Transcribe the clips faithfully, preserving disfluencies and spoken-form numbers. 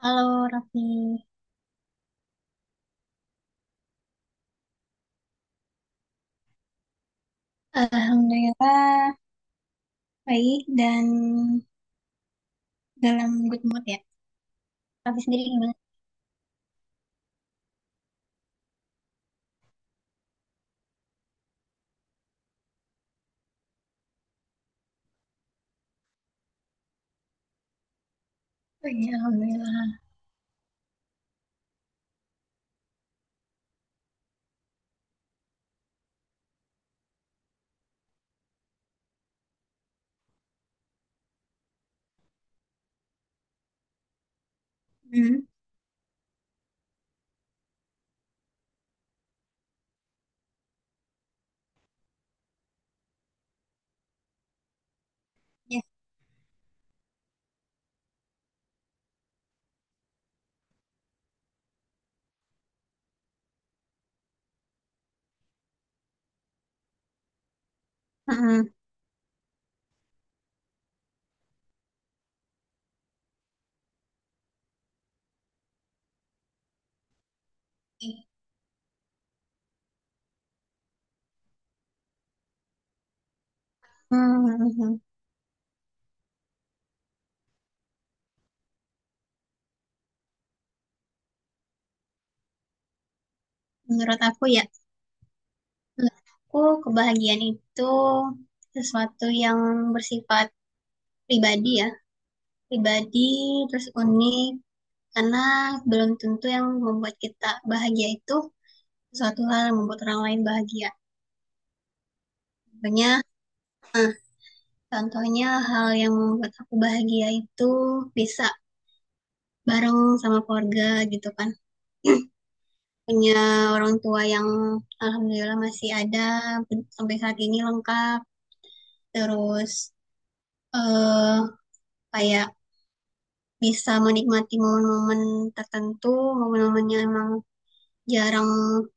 Halo Raffi, Alhamdulillah baik dan dalam good mood ya. Raffi sendiri gimana? Oh, iya, Alhamdulillah. Hmm, ya. Mm-mm. Hmm, menurut aku ya, menurut aku kebahagiaan itu sesuatu yang bersifat pribadi ya, pribadi terus unik karena belum tentu yang membuat kita bahagia itu sesuatu hal yang membuat orang lain bahagia. Banyak contohnya, hal yang membuat aku bahagia itu bisa bareng sama keluarga gitu kan. Punya orang tua yang alhamdulillah masih ada sampai saat ini lengkap. Terus eh kayak bisa menikmati momen-momen tertentu, momen-momen yang emang jarang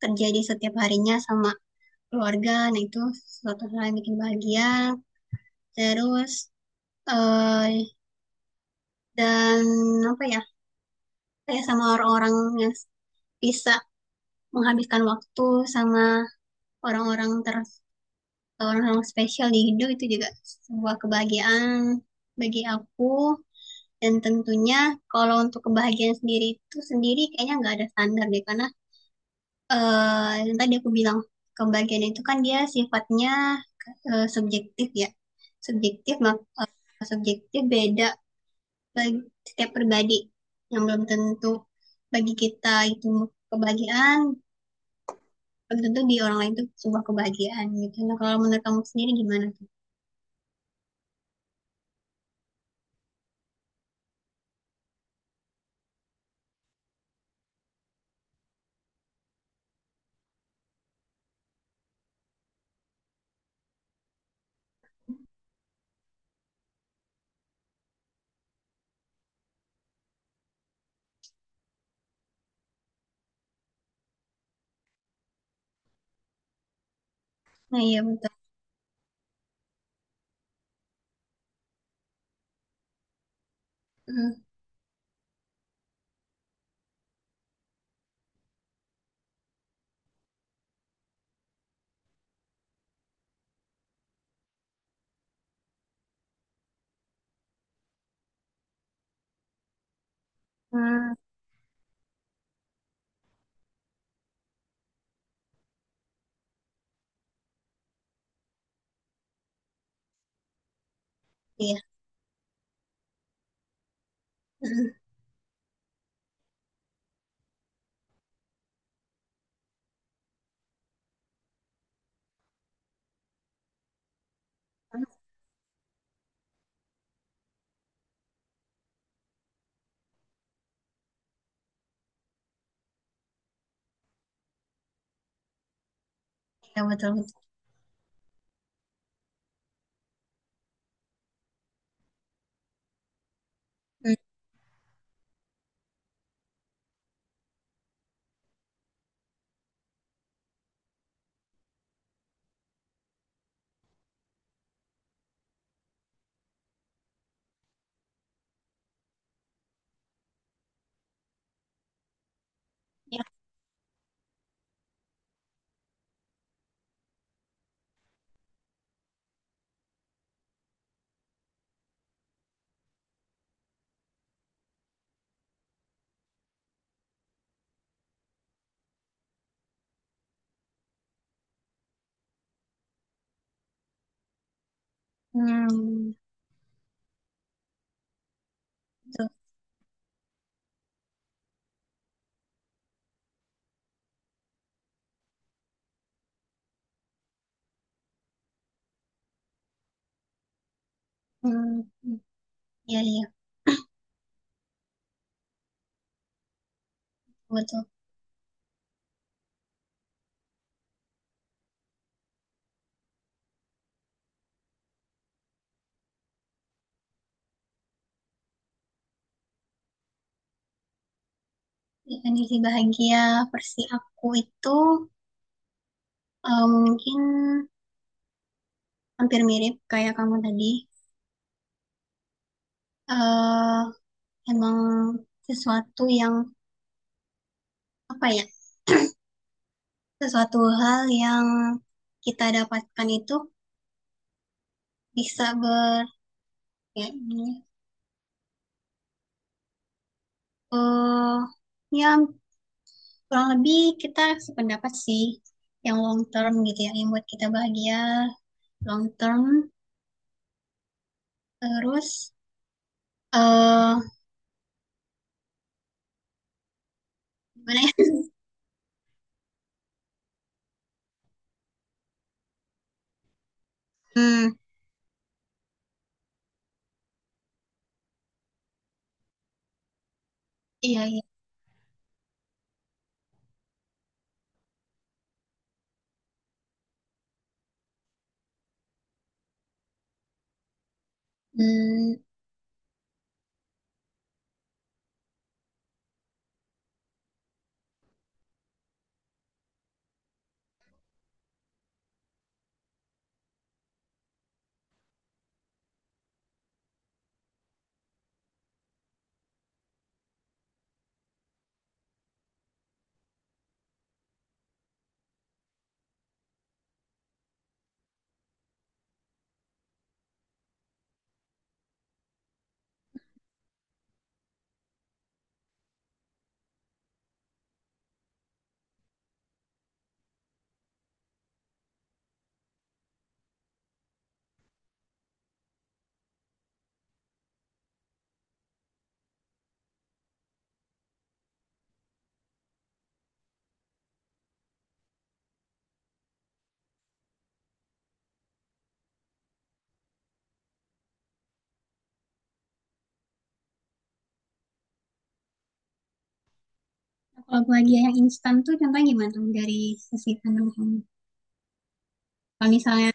terjadi setiap harinya sama keluarga. Nah itu suatu hal yang bikin bahagia. Terus eh dan apa ya? Kayak sama orang-orang yang bisa menghabiskan waktu sama orang-orang ter orang-orang spesial di hidup itu juga sebuah kebahagiaan bagi aku, dan tentunya kalau untuk kebahagiaan sendiri itu sendiri kayaknya nggak ada standar deh karena eh, yang tadi aku bilang, kebahagiaan itu kan dia sifatnya eh, subjektif ya, subjektif maka subjektif beda bagi setiap pribadi, yang belum tentu bagi kita itu kebahagiaan, belum tentu di orang lain tuh sebuah kebahagiaan gitu. Nah, kalau menurut kamu sendiri gimana tuh? Nah, iya betul. Mm. Hmm, iya. Mm. Iya betul betul. Mm. Hmm, betul. Hmm, hmm. Iya iya betul. Definisi bahagia versi aku itu eh, mungkin hampir mirip kayak kamu tadi. eh Emang sesuatu yang apa ya? Sesuatu hal yang kita dapatkan itu bisa ber ya, eh yang kurang lebih kita sependapat sih, yang long term gitu ya, yang buat kita bahagia long term. Terus eh gimana ya? Hmm, iya iya. Hmm, kalau bahagia yang instan tuh contohnya gimana tuh, dari sisi pandang kamu kalau misalnya?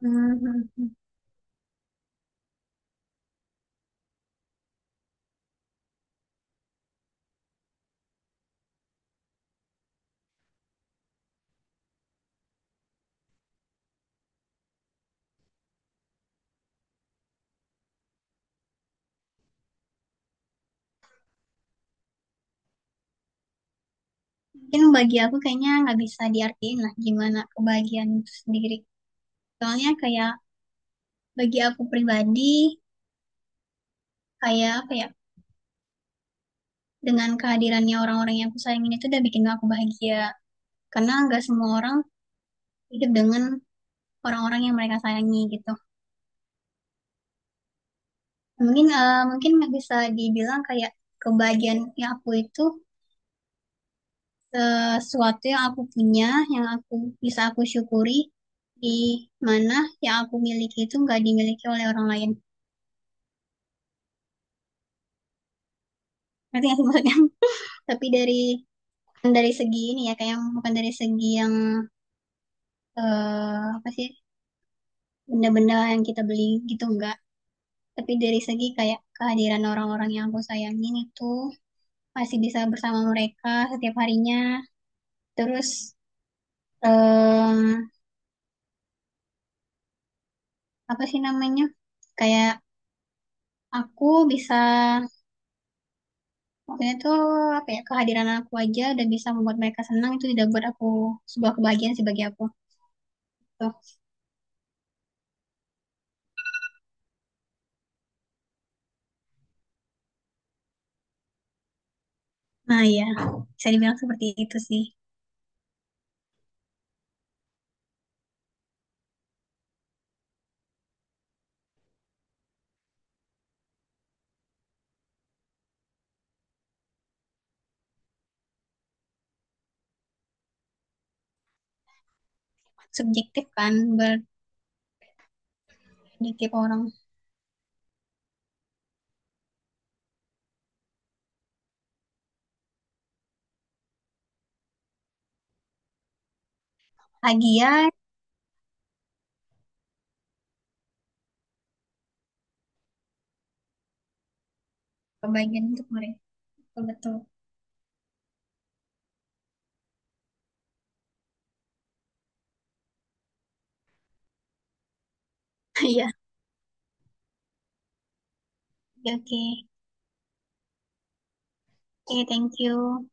Hmm, hmm, hmm. Mungkin bagi aku kayaknya nggak bisa diartiin lah gimana kebahagiaan itu sendiri, soalnya kayak bagi aku pribadi kayak apa ya, dengan kehadirannya orang-orang yang aku sayangin itu udah bikin aku bahagia, karena nggak semua orang hidup dengan orang-orang yang mereka sayangi gitu. Mungkin eh, mungkin nggak bisa dibilang kayak kebahagiaan yang aku itu eh, sesuatu yang aku punya, yang aku bisa aku syukuri, di mana yang aku miliki itu nggak dimiliki oleh orang lain. Ngerti nggak sih maksudnya? Tapi dari, bukan dari segi ini ya, kayak yang- bukan dari segi yang eh, apa sih, benda-benda yang kita beli gitu, enggak. Tapi dari segi kayak kehadiran orang-orang yang aku sayangin itu masih bisa bersama mereka setiap harinya. Terus eh apa sih namanya? Kayak aku bisa, maksudnya tuh apa ya, kehadiran aku aja udah bisa membuat mereka senang itu tidak, buat aku sebuah kebahagiaan sih bagi aku. Tuh. Nah ya, bisa dibilang seperti itu sih. Subjektif kan bagi tiap orang. Lagi ya, kebahagiaan untuk mereka. Betul. Iya. Oke, oke. Oke, thank you.